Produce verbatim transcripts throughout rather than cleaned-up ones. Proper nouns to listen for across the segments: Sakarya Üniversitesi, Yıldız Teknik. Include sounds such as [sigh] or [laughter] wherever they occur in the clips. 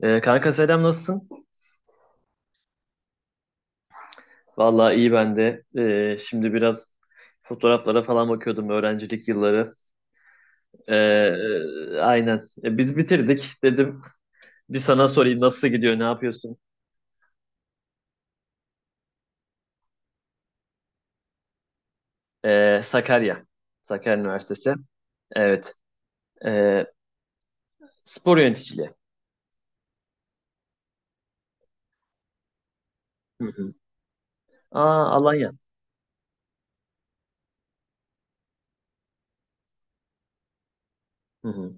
Ee, kanka selam nasılsın? Vallahi iyi ben de. Ee, şimdi biraz fotoğraflara falan bakıyordum öğrencilik yılları. Ee, e, aynen. E, biz bitirdik dedim. Bir sana sorayım nasıl gidiyor, ne yapıyorsun? Ee, Sakarya. Sakarya Üniversitesi. Evet. Ee, Spor yöneticiliği. Hı hı. Aa, Alanya. Hı hı.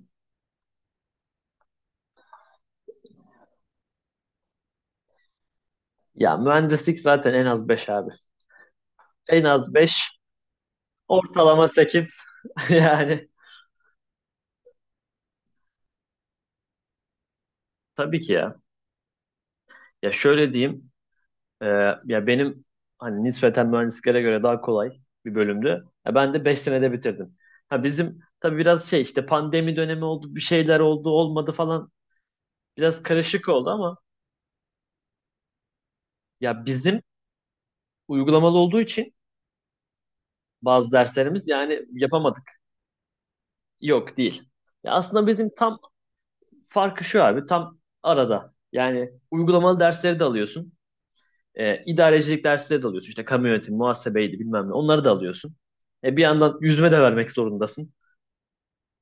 Ya mühendislik zaten en az beş abi. En az beş. Ortalama sekiz. [laughs] Yani tabii ki ya. Ya şöyle diyeyim. Ee, Ya benim hani nispeten mühendislere göre daha kolay bir bölümdü. Ya ben de beş senede bitirdim. Ha bizim tabii biraz şey işte pandemi dönemi oldu, bir şeyler oldu, olmadı falan biraz karışık oldu ama ya bizim uygulamalı olduğu için bazı derslerimiz yani yapamadık. Yok değil. Ya aslında bizim tam farkı şu abi tam arada. Yani uygulamalı dersleri de alıyorsun. E, idarecilik dersleri de alıyorsun. İşte kamu yönetimi, muhasebeydi bilmem ne. Onları da alıyorsun. E, bir yandan yüzme de vermek zorundasın.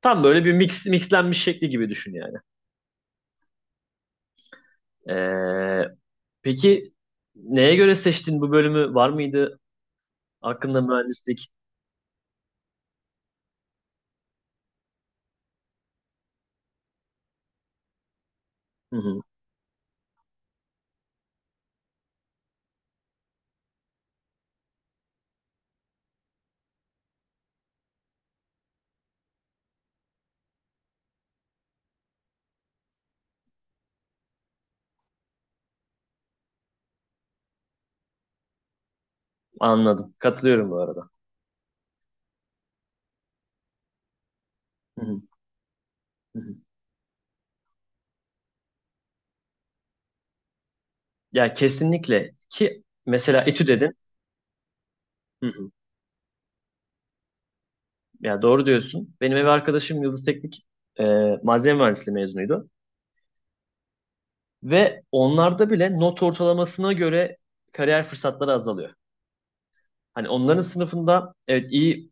Tam böyle bir mix, mixlenmiş şekli gibi düşün yani. Ee, peki neye göre seçtin bu bölümü? Var mıydı hakkında mühendislik? Hı hı, anladım. Katılıyorum bu arada. Hı hı, hı hı. Ya kesinlikle ki mesela etü dedin. Hı hı. Ya doğru diyorsun. Benim ev arkadaşım Yıldız Teknik e, malzeme mühendisliği mezunuydu. Ve onlarda bile not ortalamasına göre kariyer fırsatları azalıyor. Hani onların sınıfında evet iyi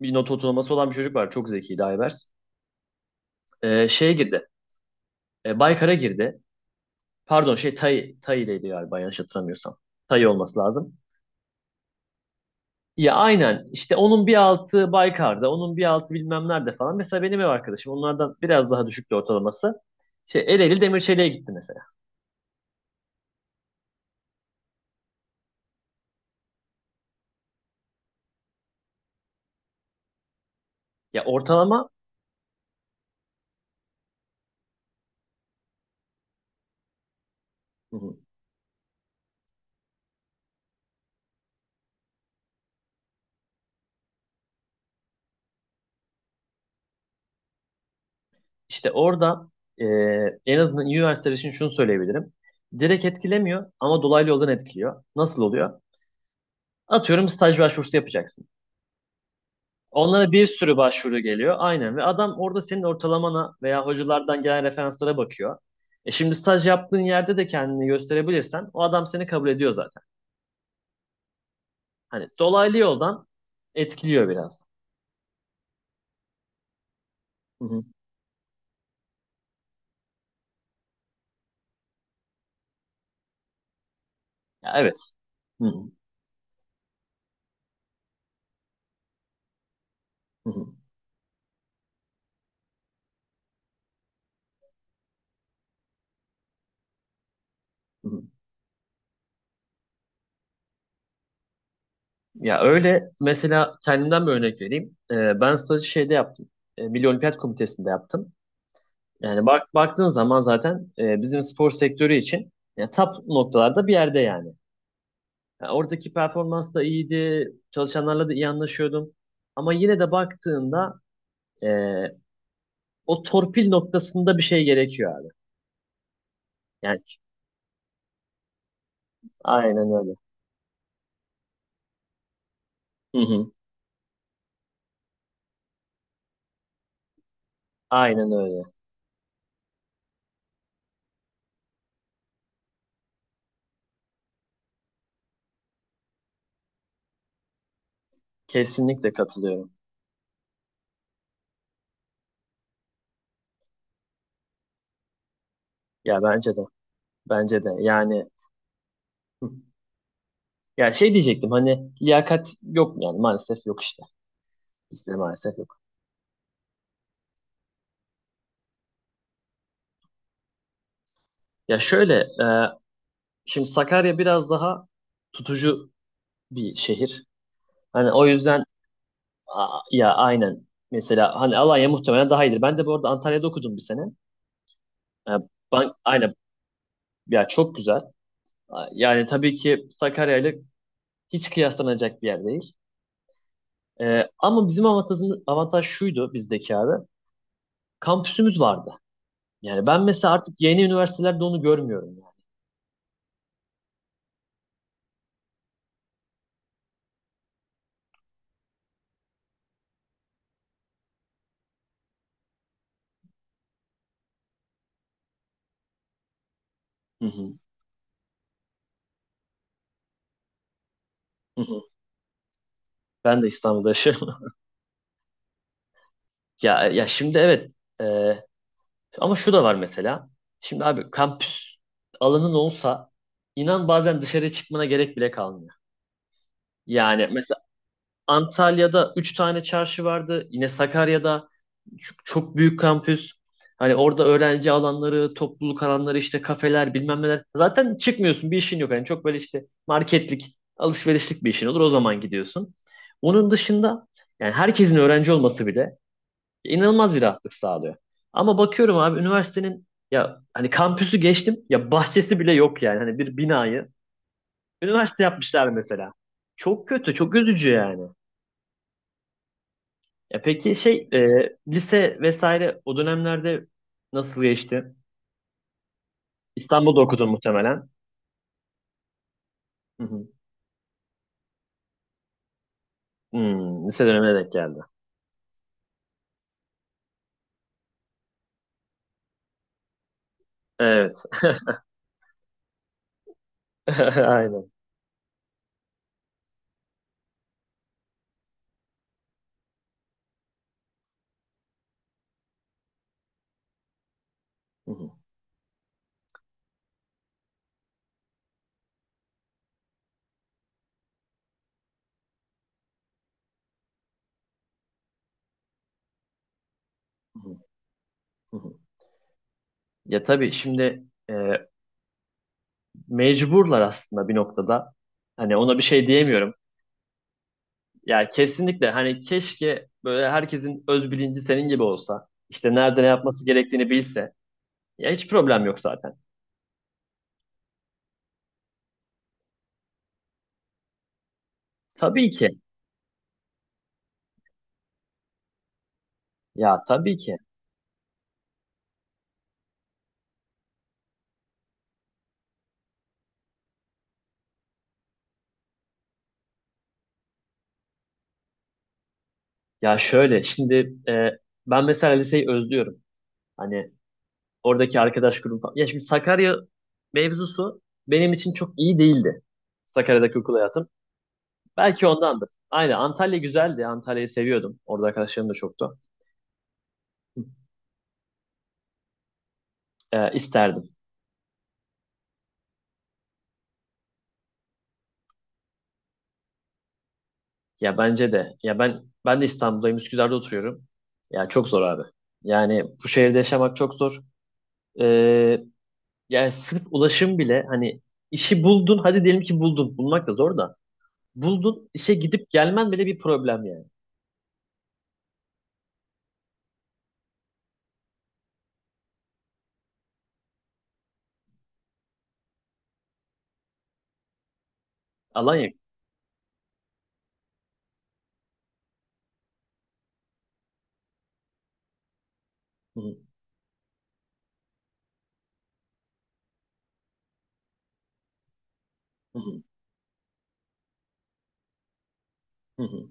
bir not ortalaması olan bir çocuk var. Çok zekiydi Aybers. Ee, şeye girdi. E, Baykar'a girdi. Pardon şey Tay, Tay'deydi galiba yanlış hatırlamıyorsam. Tay olması lazım. Ya aynen işte onun bir altı Baykar'da, onun bir altı bilmem nerede falan. Mesela benim ev arkadaşım onlardan biraz daha düşüktü ortalaması. Şey Ereğli Demirçeli'ye gitti mesela. Ya ortalama hı hı. işte orada e, en azından üniversiteler için şunu söyleyebilirim. Direkt etkilemiyor ama dolaylı yoldan etkiliyor. Nasıl oluyor? Atıyorum staj başvurusu yapacaksın. Onlara bir sürü başvuru geliyor. Aynen ve adam orada senin ortalamana veya hocalardan gelen referanslara bakıyor. E şimdi staj yaptığın yerde de kendini gösterebilirsen o adam seni kabul ediyor zaten. Hani dolaylı yoldan etkiliyor biraz. Hı hı. Ya evet. Hı hı. Hı hı. Hı hı. Ya öyle mesela kendimden bir örnek vereyim. Ee, ben stajı şeyde yaptım. Ee, Milli Olimpiyat Komitesi'nde yaptım. Yani bak baktığın zaman zaten e, bizim spor sektörü için ya, top noktalarda bir yerde yani. Yani oradaki performans da iyiydi. Çalışanlarla da iyi anlaşıyordum. Ama yine de baktığında eee, o torpil noktasında bir şey gerekiyor abi. Yani aynen öyle. Hı hı. Aynen öyle. Kesinlikle katılıyorum. Ya bence de. Bence de. Yani hı. Ya şey diyecektim hani liyakat yok mu yani maalesef yok işte. Bizde maalesef yok. Ya şöyle e, şimdi Sakarya biraz daha tutucu bir şehir. Hani o yüzden A- Ya aynen. Mesela hani Alanya muhtemelen daha iyidir. Ben de bu arada Antalya'da okudum bir sene. Ya, bank, aynen. Ya çok güzel. A- Yani tabii ki Sakarya ile hiç kıyaslanacak bir yer değil. Ee, ama bizim avantajımız, avantaj şuydu bizdeki abi. Kampüsümüz vardı. Yani ben mesela artık yeni üniversitelerde onu görmüyorum. Yani. Hı hı. Hı hı. Ben de İstanbul'da yaşıyorum. [laughs] Ya, ya şimdi evet. Ee, Ama şu da var mesela. Şimdi abi kampüs alanın olsa inan bazen dışarı çıkmana gerek bile kalmıyor. Yani mesela Antalya'da üç tane çarşı vardı. Yine Sakarya'da çok, çok büyük kampüs. Hani orada öğrenci alanları, topluluk alanları, işte kafeler, bilmem neler. Zaten çıkmıyorsun, bir işin yok. Yani çok böyle işte marketlik, alışverişlik bir işin olur. O zaman gidiyorsun. Onun dışında yani herkesin öğrenci olması bile inanılmaz bir rahatlık sağlıyor. Ama bakıyorum abi üniversitenin ya hani kampüsü geçtim ya bahçesi bile yok yani. Hani bir binayı üniversite yapmışlar mesela. Çok kötü, çok üzücü yani. Ya peki şey e, lise vesaire o dönemlerde nasıl geçti? İstanbul'da okudun muhtemelen. Hı hı. Hmm, lise dönemine denk geldi. Evet. [laughs] Aynen. Hı hı, hı hı, hı hı. Ya tabii şimdi e, mecburlar aslında bir noktada. Hani ona bir şey diyemiyorum. Ya kesinlikle hani keşke böyle herkesin öz bilinci senin gibi olsa. İşte nerede ne yapması gerektiğini bilse. Ya hiç problem yok zaten. Tabii ki. Ya tabii ki. Ya şöyle şimdi e, ben mesela liseyi özlüyorum. Hani oradaki arkadaş grubu falan. Ya şimdi Sakarya mevzusu benim için çok iyi değildi. Sakarya'daki okul hayatım. Belki ondandır. Aynen Antalya güzeldi. Antalya'yı seviyordum. Orada arkadaşlarım da çoktu. E, isterdim. Ya bence de. Ya ben ben de İstanbul'dayım. Üsküdar'da oturuyorum. Ya çok zor abi. Yani bu şehirde yaşamak çok zor. E, Yani sırf ulaşım bile hani işi buldun. Hadi diyelim ki buldun. Bulmak da zor da. Buldun işe gidip gelmen bile bir problem yani. Alanya. Hı hı, hı hı, hı hı.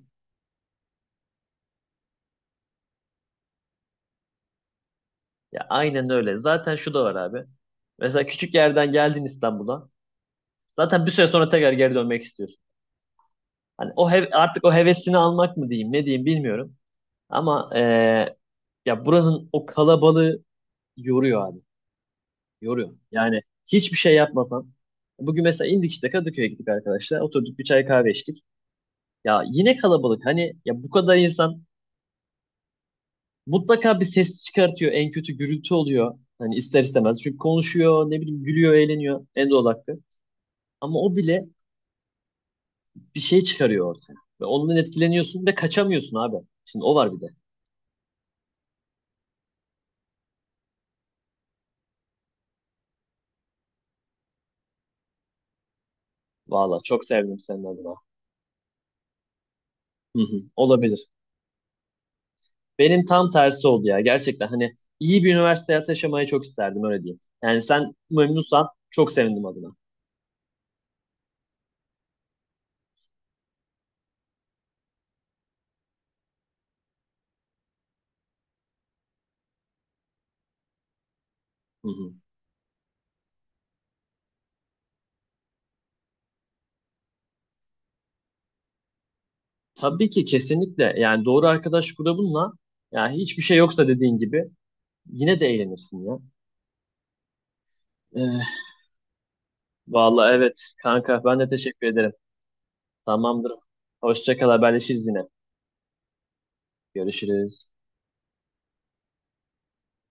Ya aynen öyle. Zaten şu da var abi. Mesela küçük yerden geldin İstanbul'a. Zaten bir süre sonra tekrar geri dönmek istiyorsun. Hani o hev- artık o hevesini almak mı diyeyim, ne diyeyim bilmiyorum. Ama eee, ya buranın o kalabalığı yoruyor abi. Yoruyor. Yani hiçbir şey yapmasan. Bugün mesela indik işte Kadıköy'e gittik arkadaşlar. Oturduk bir çay kahve içtik. Ya yine kalabalık. Hani ya bu kadar insan mutlaka bir ses çıkartıyor. En kötü gürültü oluyor. Hani ister istemez. Çünkü konuşuyor, ne bileyim gülüyor, eğleniyor. En doğal hakkı. Ama o bile bir şey çıkarıyor ortaya. Ve ondan etkileniyorsun ve kaçamıyorsun abi. Şimdi o var bir de. Valla çok sevdim senin adına. Hı hı, olabilir. Benim tam tersi oldu ya. Gerçekten hani iyi bir üniversite hayatı yaşamayı çok isterdim öyle diyeyim. Yani sen memnunsan çok sevindim adına. Hı hı. Tabii ki kesinlikle. Yani doğru arkadaş grubunla ya hiçbir şey yoksa dediğin gibi yine de eğlenirsin ya. Ee, Vallahi evet kanka ben de teşekkür ederim. Tamamdır. Hoşça kal haberleşiriz yine. Görüşürüz.